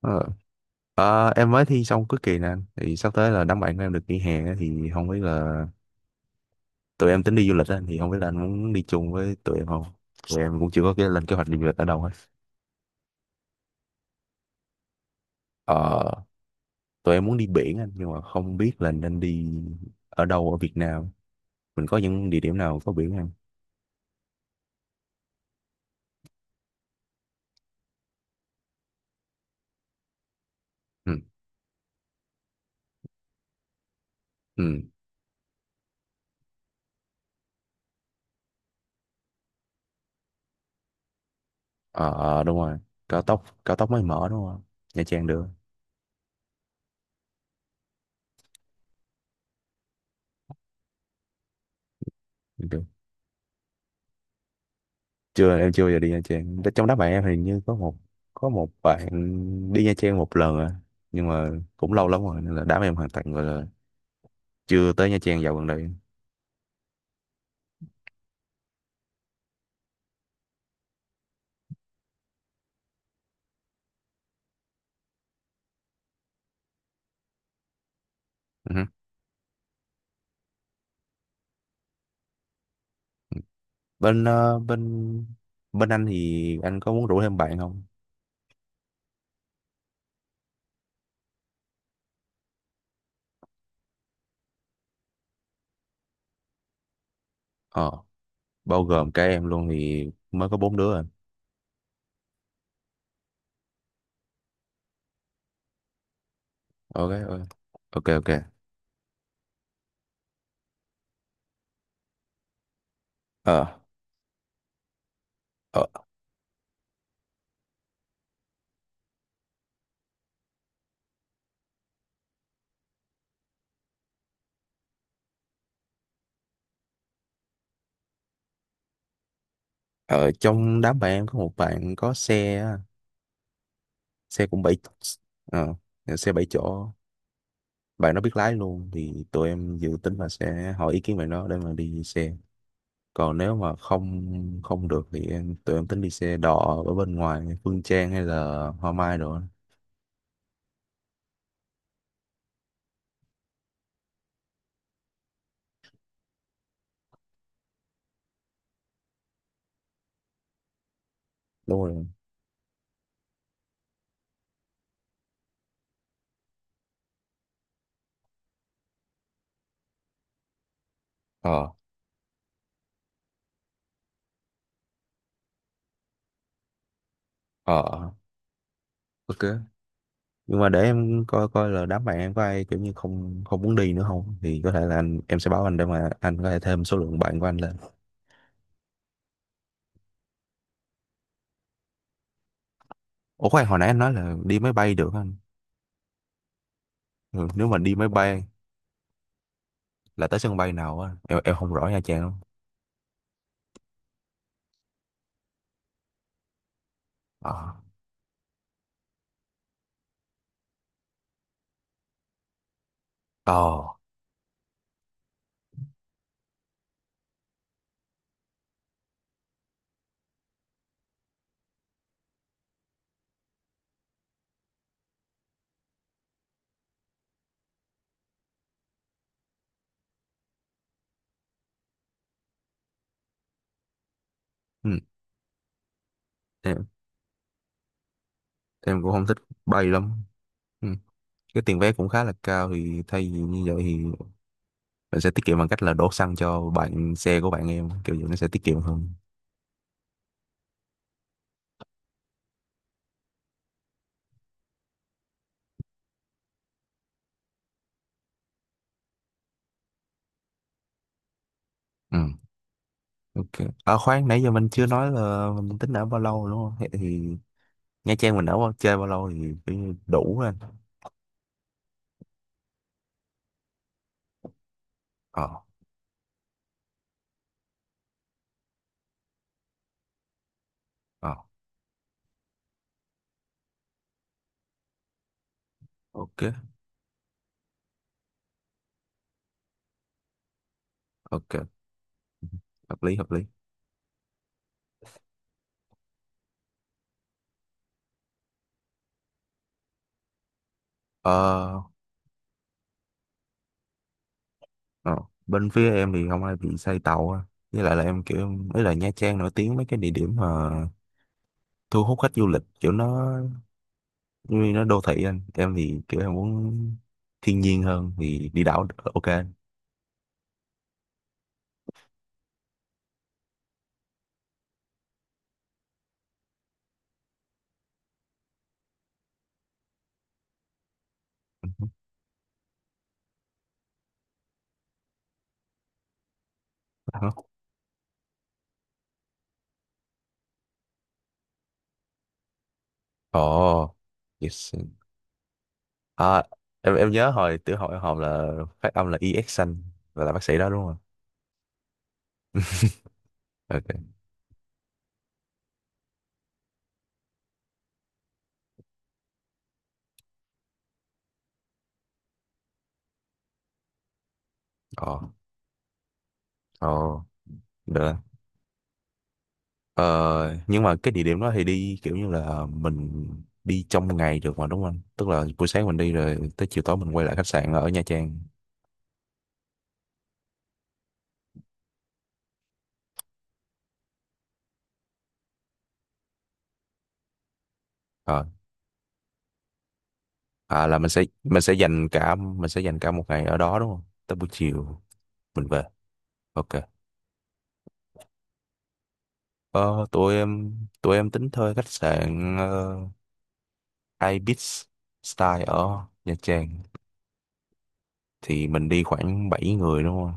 Ờ. Ờ, em mới thi xong cuối kỳ nè anh. Thì sắp tới là đám bạn của em được nghỉ hè á, thì không biết là tụi em tính đi du lịch á, thì không biết là anh muốn đi chung với tụi em không. Tụi em cũng chưa có cái lên kế hoạch đi du lịch ở đâu hết. ờ, Tụi em muốn đi biển anh nhưng mà không biết là nên đi ở đâu ở Việt Nam. Mình có những địa điểm nào có biển không? Ừ, ừ. Ờ, ờ, đúng rồi. Cao tốc cao tốc mới mở đúng không? Nha Trang được. Được. Chưa, em chưa bao giờ đi Nha Trang. Trong đám bạn em hình như có một bạn đi Nha Trang một lần à, nhưng mà cũng lâu lắm rồi nên là đám em hoàn toàn gọi là chưa tới Nha Trang dạo gần đây. Ừ hứ. Bên ờ, bên bên anh thì anh có muốn rủ thêm bạn không? ờ Bao gồm cả em luôn thì mới có bốn đứa à. Ok, ok. Ok, ok. ờ ở, Ở trong đám bạn em có một bạn có xe á, xe cũng bảy ờ xe bảy chỗ. Bạn nó biết lái luôn thì tụi em dự tính là sẽ hỏi ý kiến bạn nó để mà đi xe, còn nếu mà không không được thì tụi em tính đi xe đò ở bên ngoài Phương Trang hay là Hoa Mai rồi. Đúng rồi. Ờ, ờ, ok, nhưng mà để em coi coi là đám bạn em có ai kiểu như không không muốn đi nữa không, thì có thể là anh em sẽ báo anh để mà anh có thể thêm số lượng bạn của anh lên. Ủa khoan, hồi nãy anh nói là đi máy bay được không anh? Ừ, nếu mà đi máy bay là tới sân bay nào á, em không rõ Nha Trang không. Ờ. Ờ. Ừ. Thì em cũng không thích bay lắm. Ừ. Cái tiền vé cũng khá là cao thì thay vì như vậy thì mình sẽ tiết kiệm bằng cách là đổ xăng cho bạn, xe của bạn em, kiểu vậy nó sẽ tiết kiệm hơn. Ừ. Ok. À khoan, nãy giờ mình chưa nói là mình tính ở bao lâu đúng không? Thế thì Nha Trang mình chơi bao lâu thì phải đủ anh? Ờ. Ờ. Ok, ok. Hợp lý, hợp lý. Ờ. Ờ. Bên phía em thì không ai bị say tàu á. Với lại là em kiểu ấy là Nha Trang nổi tiếng mấy cái địa điểm mà thu hút khách du lịch kiểu nó, vì nó đô thị anh, em thì kiểu em muốn thiên nhiên hơn thì đi đảo được. Ok anh. Ồ, yes. À, em nhớ hồi tiểu học em học là phát âm là EX xanh và là bác sĩ đó đúng không? Ok. Ồ, ồ, được. Rồi. Ờ, nhưng mà cái địa điểm đó thì đi kiểu như là mình đi trong ngày được mà đúng không anh? Tức là buổi sáng mình đi rồi tới chiều tối mình quay lại khách sạn ở Nha Trang. Ờ, à là mình sẽ dành cả mình sẽ dành cả một ngày ở đó đúng không? Tới buổi chiều mình về. Ok. Ờ, tụi em tính thuê khách sạn Ibis Style ở Nha Trang, thì mình đi khoảng 7 người đúng không?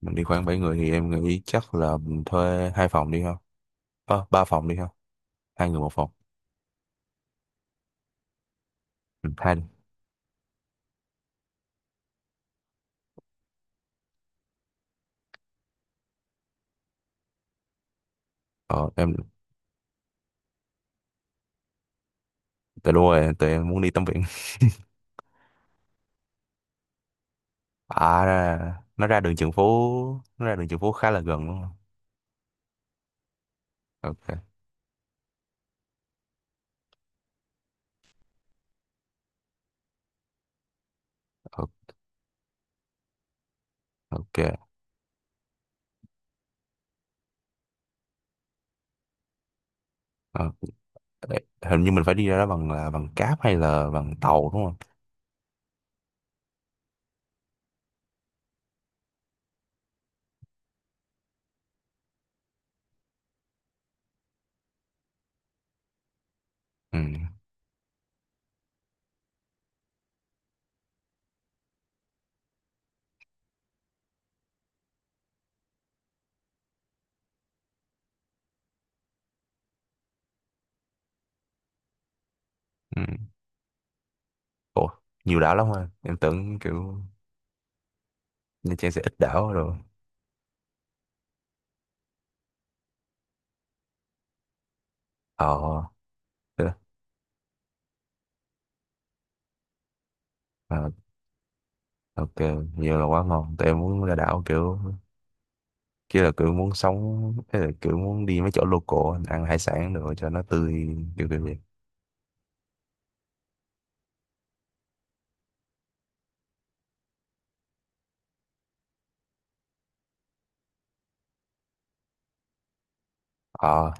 Mình đi khoảng bảy người thì em nghĩ chắc là mình thuê hai phòng đi không? Ờ, ba phòng đi không? Hai người một phòng. Ừ, hai đi. Ờ, em Tại đúng rồi, tụi em muốn đi tắm biển. À ra, nó ra đường Trần Phú, nó ra đường Trần Phú khá là gần đúng không? Ok. Ok. Ok. Ờ, ê, hình như mình phải đi ra đó bằng cáp hay là bằng tàu đúng không? Ừ. Ừ. Ủa, nhiều đảo lắm hả? Em tưởng kiểu Nha Trang sẽ ít đảo rồi. Ờ, thế à, ok, nhiều là quá ngon. Tụi em muốn ra đảo kiểu, kia là kiểu muốn sống, thế là kiểu muốn đi mấy chỗ local, ăn hải sản rồi cho nó tươi, kiểu kiểu vậy. Ờ,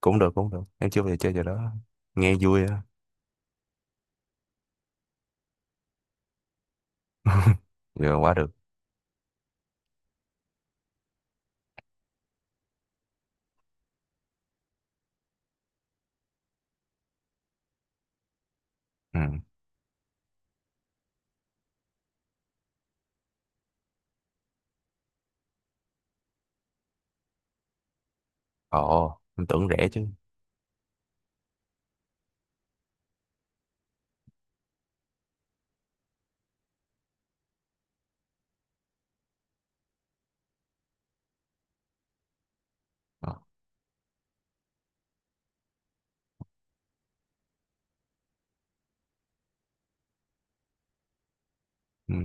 cũng được, cũng được. Em chưa bao giờ chơi chỗ đó. Nghe vui á. Giờ quá được. Ừ. Ồ, em tưởng rẻ chứ. Ờ. Ừ.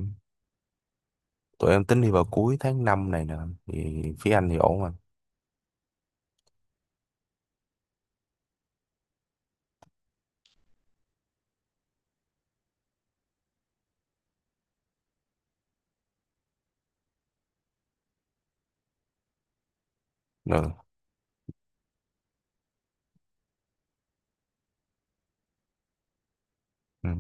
Tụi em tính đi vào cuối tháng 5 này nè. Thì phía anh thì ổn mà. Ừ. Ừ.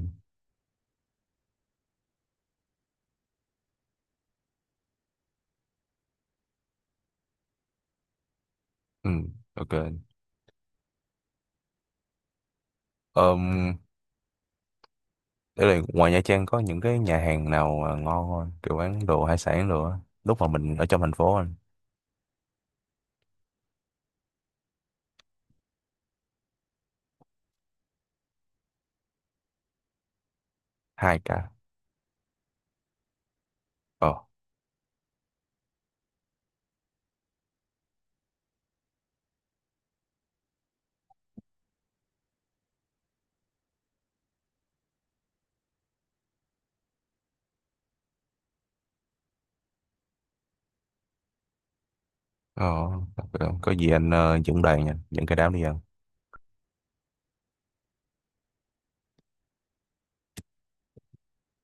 Ừ. Ok. Ờm, Để rồi ngoài Nha Trang có những cái nhà hàng nào mà ngon không anh? Kiểu bán đồ hải sản đồ á. Lúc mà mình ở trong thành phố anh. Hai cả. Ờ. Ờ. Có gì anh dẫn đoàn nha. Dẫn cái đám đi ăn.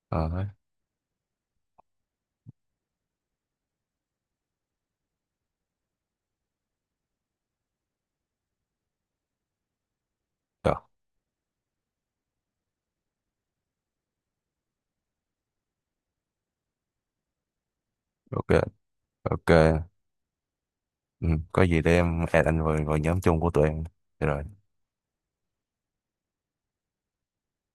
Ờ. Hết. Rồi. Ok. Ok. Ừ. Có gì để em add anh vào nhóm chung của tụi em. Được rồi.